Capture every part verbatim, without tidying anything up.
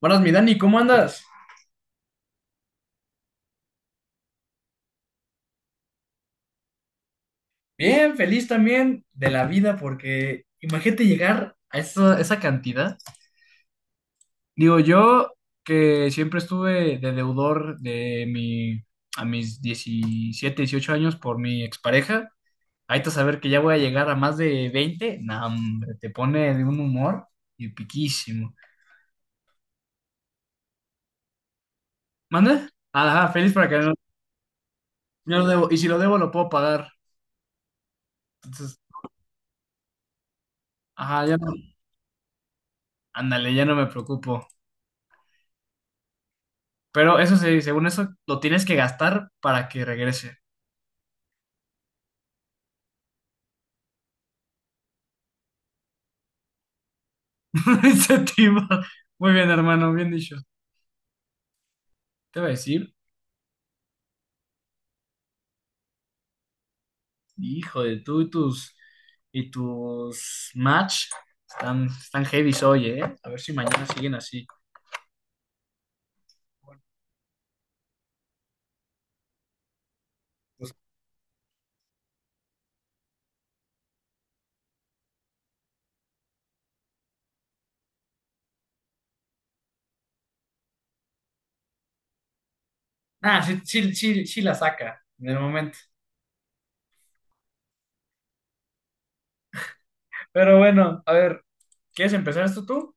Buenas, mi Dani, ¿cómo andas? Bien, feliz también de la vida, porque imagínate llegar a esa, esa cantidad. Digo, yo que siempre estuve de deudor de mi, a mis diecisiete, dieciocho años por mi expareja, ahorita saber que ya voy a llegar a más de veinte, no, hombre, te pone de un humor y piquísimo. ¿Manda? Ajá, feliz para que no, no lo debo, y si lo debo lo puedo pagar. Entonces, ajá, ya no, ándale, ya no me preocupo. Pero eso sí, según eso, lo tienes que gastar para que regrese. Incentivo. Muy bien, hermano, bien dicho. Te voy a decir, hijo de tú y tus y tus match están, están heavy hoy, ¿eh? A ver si mañana siguen así. Pues, ah, sí, sí, sí, sí la saca en el momento. Pero bueno, a ver, ¿quieres empezar esto tú?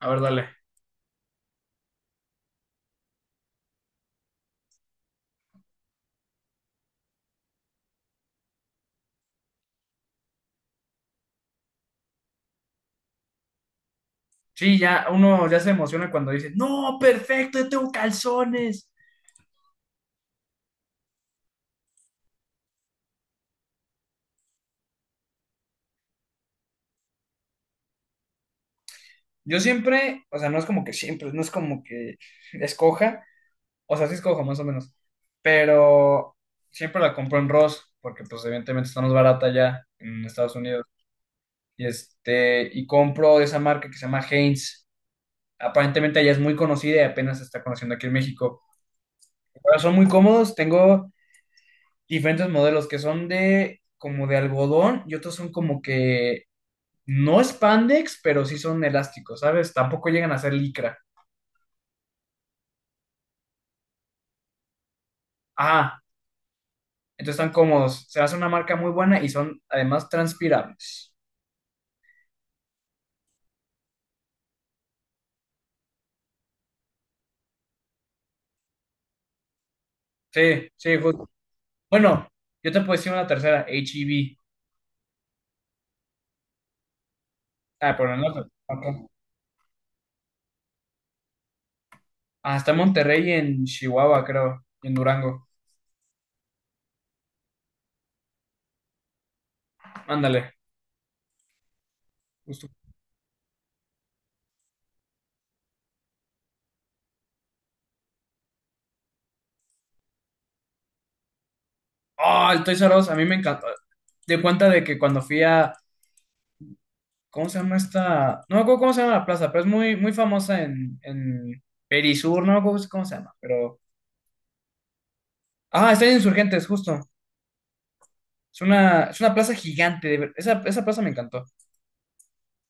A ver, dale. Sí, ya uno ya se emociona cuando dice, no, perfecto, yo tengo calzones. Yo siempre, o sea, no es como que siempre, no es como que escoja, o sea, sí escojo más o menos, pero siempre la compro en Ross, porque pues evidentemente está más barata allá en Estados Unidos. Y este, y compro de esa marca que se llama Heinz. Aparentemente allá es muy conocida y apenas se está conociendo aquí en México. Pero son muy cómodos, tengo diferentes modelos que son de como de algodón y otros son como que no spandex, pero sí son elásticos, ¿sabes? Tampoco llegan a ser licra. Ah, entonces están cómodos, se hace una marca muy buena y son además transpirables. Sí, sí, justo. Bueno, yo te puedo decir una tercera, H-E-B. Ah, pero no, acá. Hasta Monterrey y en Chihuahua, creo, y en Durango. Ándale, justo. Ah, el Toys R Us, a mí me encantó. De cuenta de que cuando fui a, ¿cómo se llama esta? No me acuerdo cómo se llama la plaza, pero es muy, muy famosa en, en Perisur, no me acuerdo cómo se llama, pero. Ah, está en Insurgentes, justo. Es una, es una plaza gigante, de ver- esa, esa plaza me encantó.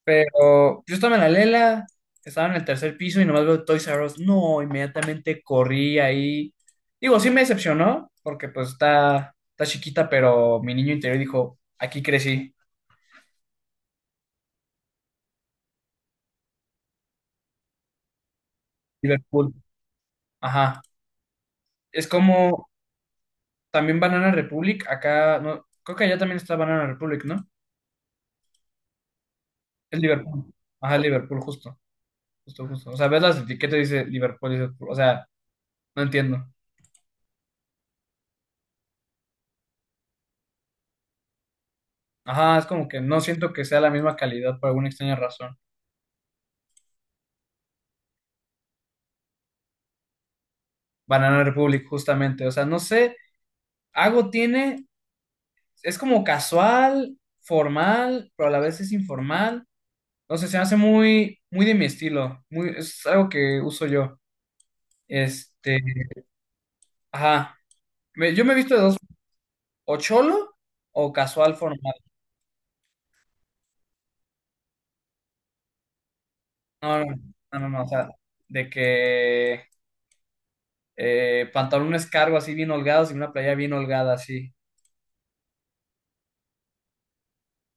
Pero yo estaba en la Lela, estaba en el tercer piso y nomás veo Toys R Us. No, inmediatamente corrí ahí. Digo, sí me decepcionó, porque pues está, está chiquita, pero mi niño interior dijo, aquí crecí. Liverpool. Ajá. Es como también Banana Republic, acá, no, creo que allá también está Banana Republic, ¿no? Es Liverpool. Ajá, Liverpool, justo, justo, justo. O sea, ves las etiquetas y dice Liverpool, dice, o sea, no entiendo. Ajá, es como que no siento que sea la misma calidad por alguna extraña razón. Banana Republic, justamente. O sea, no sé, algo tiene, es como casual, formal, pero a la vez es informal. No sé, se me hace muy, muy de mi estilo. Muy, es algo que uso yo. Este, ajá. Me- yo me he visto de dos, o cholo o casual formal. No, no, no, no, no, o sea, de que eh, pantalones cargo así bien holgados y una playa bien holgada así.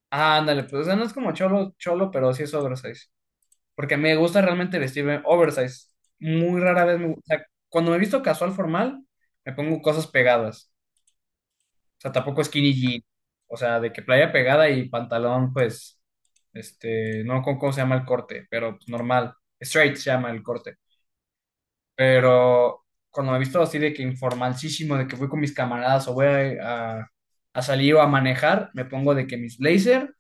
Ah, ándale, pues o sea, no es como cholo, cholo, pero sí es oversize. Porque me gusta realmente vestirme oversize. Muy rara vez me gusta, o sea, cuando me visto casual formal, me pongo cosas pegadas. O sea, tampoco skinny jean. O sea, de que playa pegada y pantalón, pues, este, no con cómo se llama el corte, pero pues, normal. Straight se llama el corte. Pero cuando me he visto así de que informalísimo, de que fui con mis camaradas o voy a, a- a salir o a manejar, me pongo de que mis blazer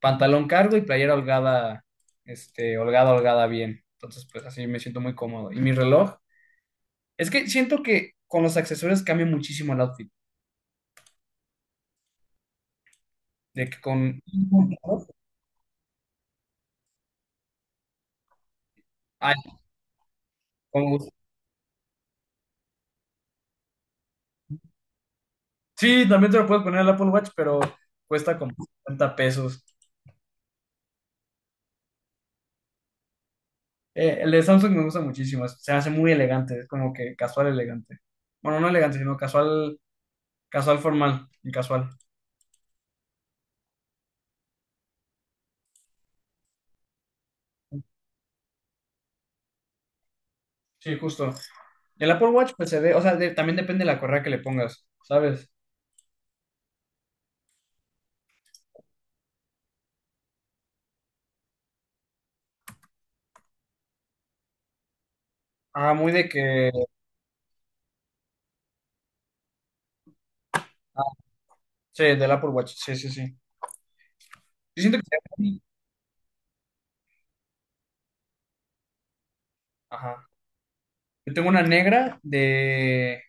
pantalón cargo y playera holgada, este, holgada, holgada bien. Entonces, pues así me siento muy cómodo. Y mi reloj, es que siento que con los accesorios cambia muchísimo el outfit. De que con. Ay, con- sí, también te lo puedes poner el Apple Watch, pero cuesta como cincuenta pesos. Eh, el de Samsung me gusta muchísimo, es- se hace muy elegante, es como que casual elegante. Bueno, no elegante, sino casual, casual formal y casual. Sí, justo. El Apple Watch, pues se ve, o sea, de- también depende de la correa que le pongas, ¿sabes? Ah, muy de que. Ah, sí, del Apple Watch. Sí, sí, sí. Yo siento que. Ajá. Yo tengo una negra de.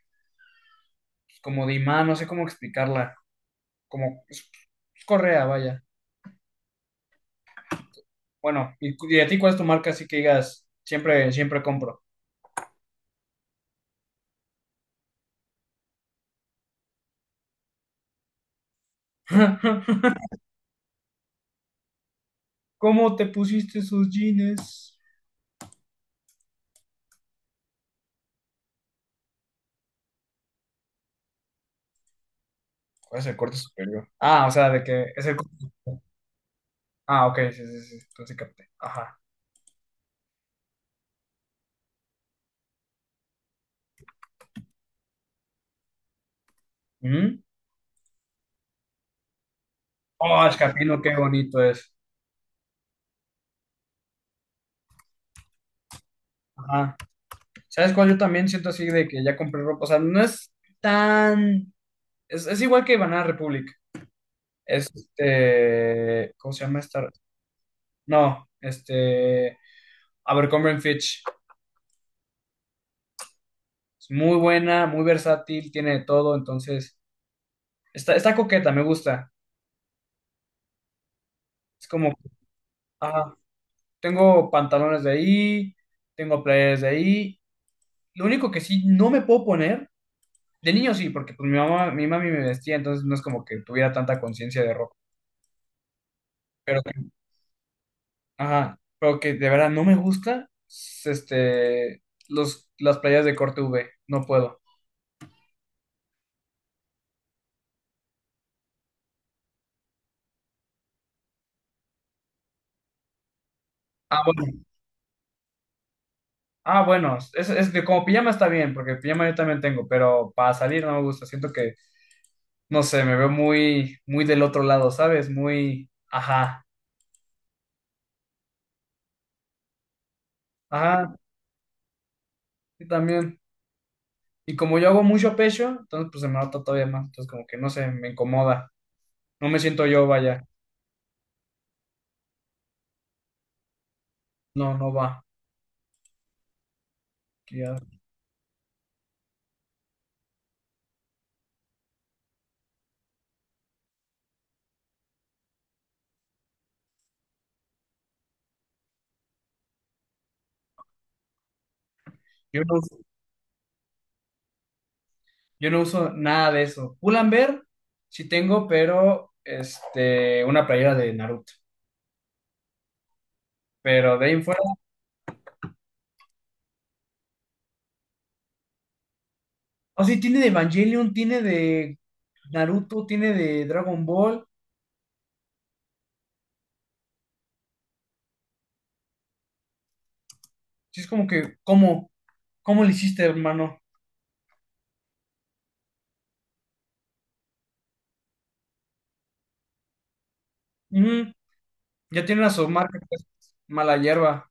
Pues, como de imán, no sé cómo explicarla. Como. Es, es correa, vaya. Bueno, y, cu- y a ti cuál es tu marca, así que digas, siempre, siempre compro. ¿Cómo te pusiste esos jeans? ¿Cuál es el corte superior? Ah, o sea, de que es el corte superior. Ah, ok, sí, sí, sí. Entonces capté. Ajá. Ujú. Oh, el capino, qué bonito es. Ajá. ¿Sabes cuál? Yo también siento así de que ya compré ropa. O sea, no es tan. Es, es igual que Banana Republic. Este. ¿Cómo se llama esta? No, este. Abercrombie Fitch. Es muy buena, muy versátil, tiene de todo. Entonces, está, está coqueta, me gusta. Es como. Ah, tengo pantalones de ahí, tengo playeras de ahí. Lo único que sí no me puedo poner. De niño sí, porque pues mi mamá, mi mami me vestía, entonces no es como que tuviera tanta conciencia de ropa. Pero ajá, pero que de verdad no me gusta, s- este, los, las playas de corte V, no puedo. Ah, bueno, ah, bueno, es, es que como pijama está bien, porque pijama yo también tengo, pero para salir no me gusta, siento que, no sé, me veo muy, muy del otro lado, ¿sabes? Muy, ajá, ajá, sí también. Y como yo hago mucho pecho, entonces pues se me nota todavía más, entonces como que no sé, me incomoda, no me siento yo, vaya, no, no va. Ya. Yo no Yo no uso nada de eso. Pull&Bear sí tengo, pero este, una playera de Naruto. Pero de ahí en fuera. O sí, tiene de Evangelion, tiene de Naruto, tiene de Dragon Ball. Sí, es como que, ¿cómo? ¿Cómo le hiciste, hermano? Ujú, ya tiene una submarca, pues, mala hierba.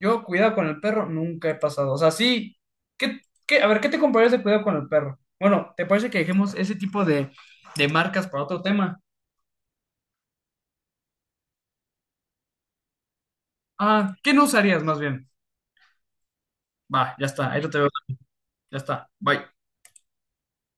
Yo, cuidado con el perro, nunca he pasado. O sea, sí. ¿Qué, qué- a ver, qué te comparas de cuidado con el perro? Bueno, ¿te parece que dejemos ese tipo de, de marcas para otro tema? Ah, ¿qué no usarías más bien? Va, ya está, ahí lo te veo, ya está, bye.